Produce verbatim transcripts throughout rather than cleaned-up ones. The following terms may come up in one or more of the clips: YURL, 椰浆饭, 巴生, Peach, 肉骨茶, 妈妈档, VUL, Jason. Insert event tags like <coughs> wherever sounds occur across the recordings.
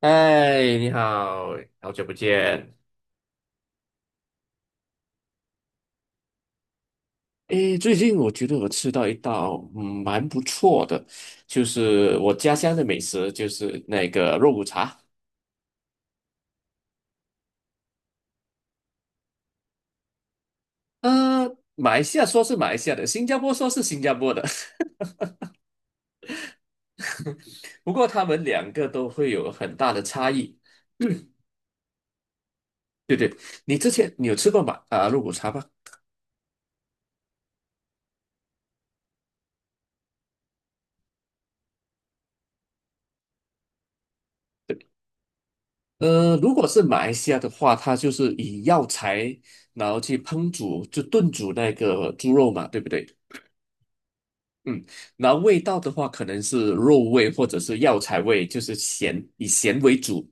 嗨，你好，好久不见。诶，最近我觉得我吃到一道嗯蛮不错的，就是我家乡的美食，就是那个肉骨茶。呃，马来西亚说是马来西亚的，新加坡说是新加坡的。<laughs> 不过他们两个都会有很大的差异。对对，你之前你有吃过马啊、肉骨茶吗？呃，如果是马来西亚的话，它就是以药材然后去烹煮，就炖煮那个猪肉嘛，对不对？嗯，然后味道的话，可能是肉味或者是药材味，就是咸，以咸为主。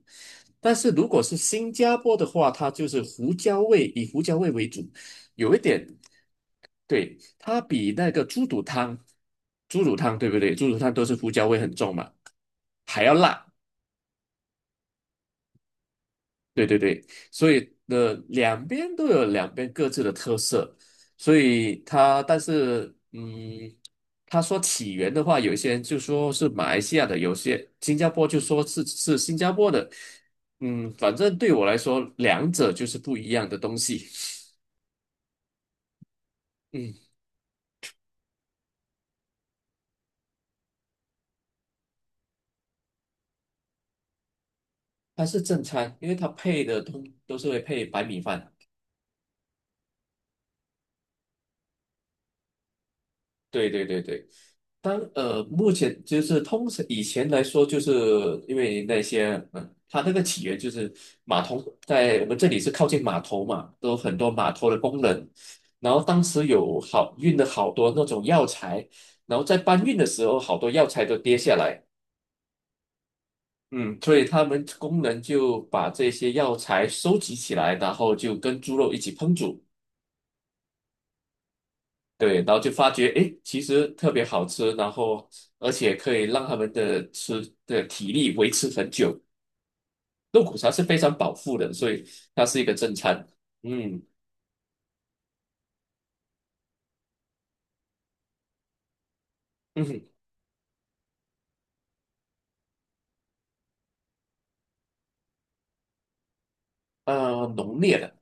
但是如果是新加坡的话，它就是胡椒味，以胡椒味为主，有一点。对，它比那个猪肚汤，猪肚汤对不对？猪肚汤都是胡椒味很重嘛，还要辣。对对对，所以的两边都有两边各自的特色，所以它但是嗯，他说起源的话，有一些人就说是马来西亚的，有些新加坡就说是是新加坡的。嗯，反正对我来说，两者就是不一样的东西。嗯，它是正餐，因为它配的通都是会配白米饭。对对对对。当呃，目前就是通常以前来说，就是因为那些嗯，它那个起源就是码头，在我们这里是靠近码头嘛，都有很多码头的工人，然后当时有好运了好多那种药材，然后在搬运的时候，好多药材都跌下来。嗯，所以他们工人就把这些药材收集起来，然后就跟猪肉一起烹煮。对，然后就发觉，诶，其实特别好吃，然后而且可以让他们的吃的体力维持很久。肉骨茶是非常饱腹的，所以它是一个正餐。嗯嗯哼，啊，浓烈的。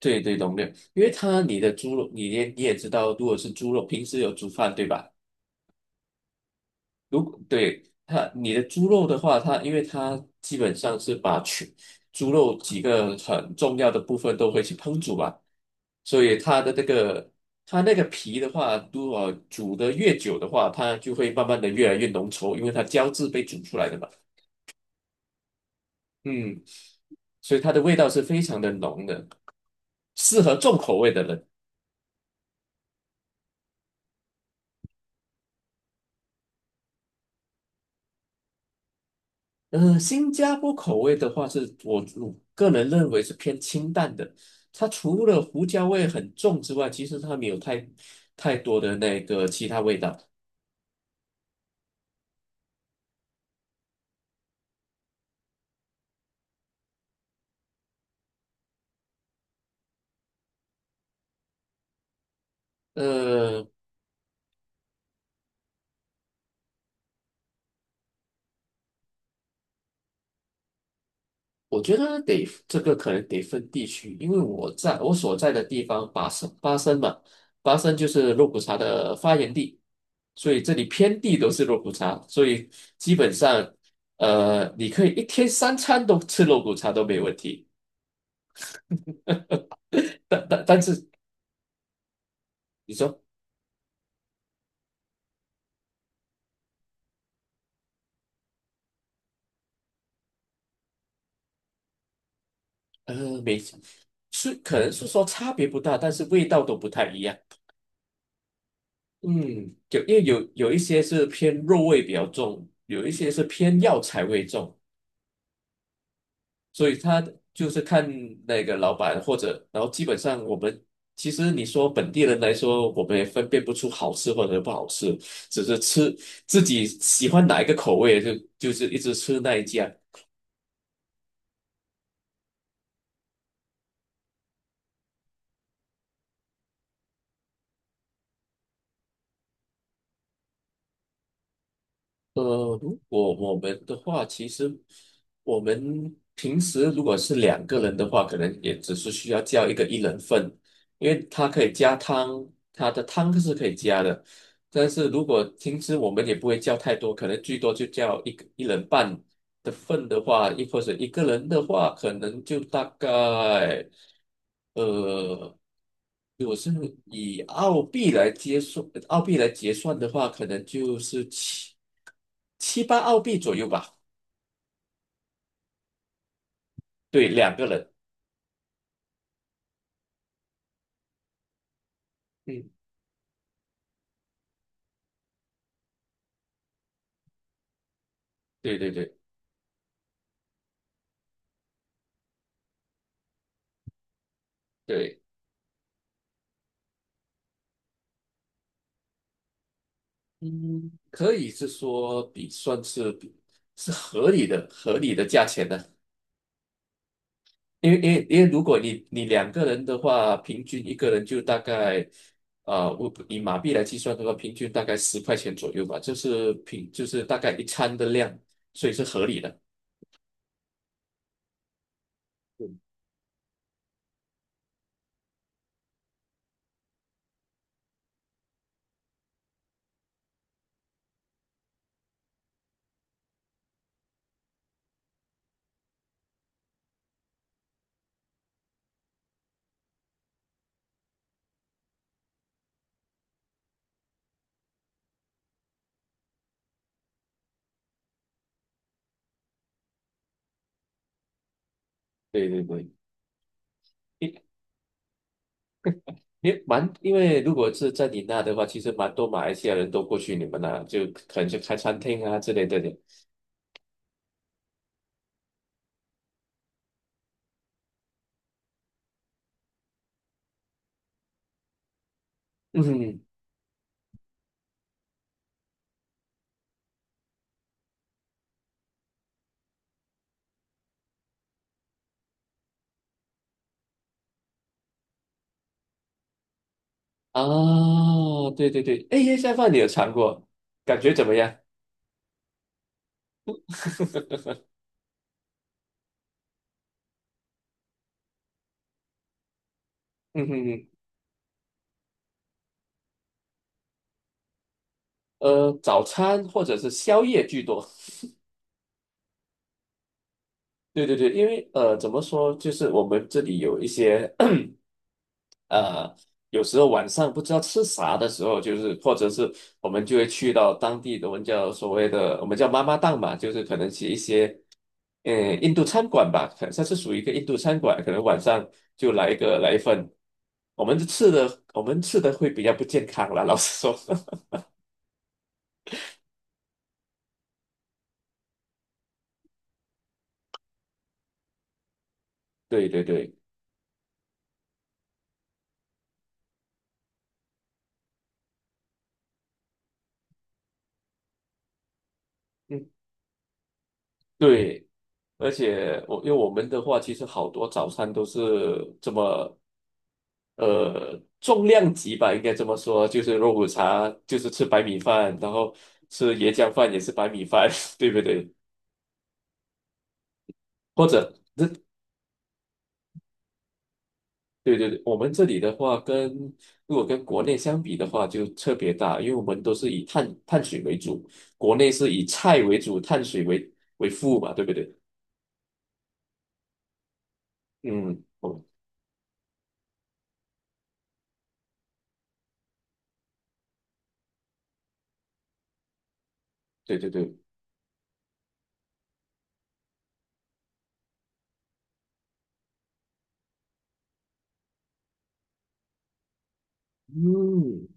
对对，浓烈，因为它你的猪肉，你也你也知道，如果是猪肉，平时有煮饭对吧？如果对它，你的猪肉的话，它因为它基本上是把全猪肉几个很重要的部分都会去烹煮嘛，所以它的那个它那个皮的话，如果煮得越久的话，它就会慢慢的越来越浓稠，因为它胶质被煮出来的嘛。嗯，所以它的味道是非常的浓的，适合重口味的人。呃，新加坡口味的话是，我我个人认为是偏清淡的。它除了胡椒味很重之外，其实它没有太太多的那个其他味道。呃，我觉得得这个可能得分地区，因为我在我所在的地方巴生巴生嘛，巴生就是肉骨茶的发源地，所以这里遍地都是肉骨茶，所以基本上，呃，你可以一天三餐都吃肉骨茶都没问题。但但但是你说。呃，没，是可能是说差别不大，但是味道都不太一样。嗯，有因为有有一些是偏肉味比较重，有一些是偏药材味重，所以他就是看那个老板或者，然后基本上我们其实你说本地人来说，我们也分辨不出好吃或者不好吃，只是吃自己喜欢哪一个口味就就是一直吃那一家。呃，如果我们的话，其实我们平时如果是两个人的话，可能也只是需要叫一个一人份，因为它可以加汤，它的汤是可以加的。但是如果平时我们也不会叫太多，可能最多就叫一个一人半的份的话，一或者一个人的话，可能就大概，呃，如果是以澳币来结算，澳币来结算的话，可能就是七七八澳币左右吧。对，两个人，嗯，对对对对，嗯，可以是说比算是比是合理的合理的价钱呢。因为因为因为如果你你两个人的话，平均一个人就大概，啊，我以马币来计算的话，平均大概十块钱左右吧，就是平就是大概一餐的量，所以是合理的。对对对，因因蛮因为如果是在你那的话，其实蛮多马来西亚人都过去你们那，就可能就开餐厅啊之类的。嗯啊，对对对，哎，椰菜饭你有尝过，感觉怎么样？嗯哼哼，呃，早餐或者是宵夜居多。对对对，因为呃，怎么说，就是我们这里有一些 <coughs> <clears throat> 呃，有时候晚上不知道吃啥的时候，就是或者是我们就会去到当地的，我们叫所谓的我们叫妈妈档嘛，就是可能去一些呃印度餐馆吧，可它是属于一个印度餐馆，可能晚上就来一个来一份，我们吃的我们吃的会比较不健康啦，老实说。<laughs> 对对对，嗯，对。而且我因为我们的话，其实好多早餐都是这么，呃，重量级吧，应该这么说，就是肉骨茶，就是吃白米饭，然后吃椰浆饭也是白米饭，<laughs> 对不对？或者，对对对，我们这里的话跟，如果跟国内相比的话，就特别大，因为我们都是以碳碳水为主，国内是以菜为主，碳水为为辅嘛，对不对？嗯，哦，对对对，嗯，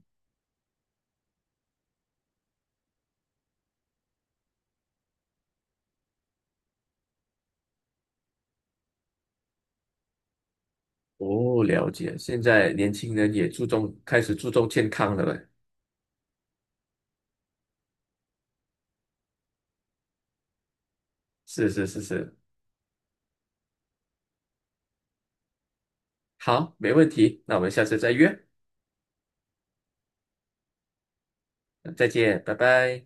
哦，了解。现在年轻人也注重，开始注重健康了呗。是是是是，好，没问题。那我们下次再约，再见，拜拜。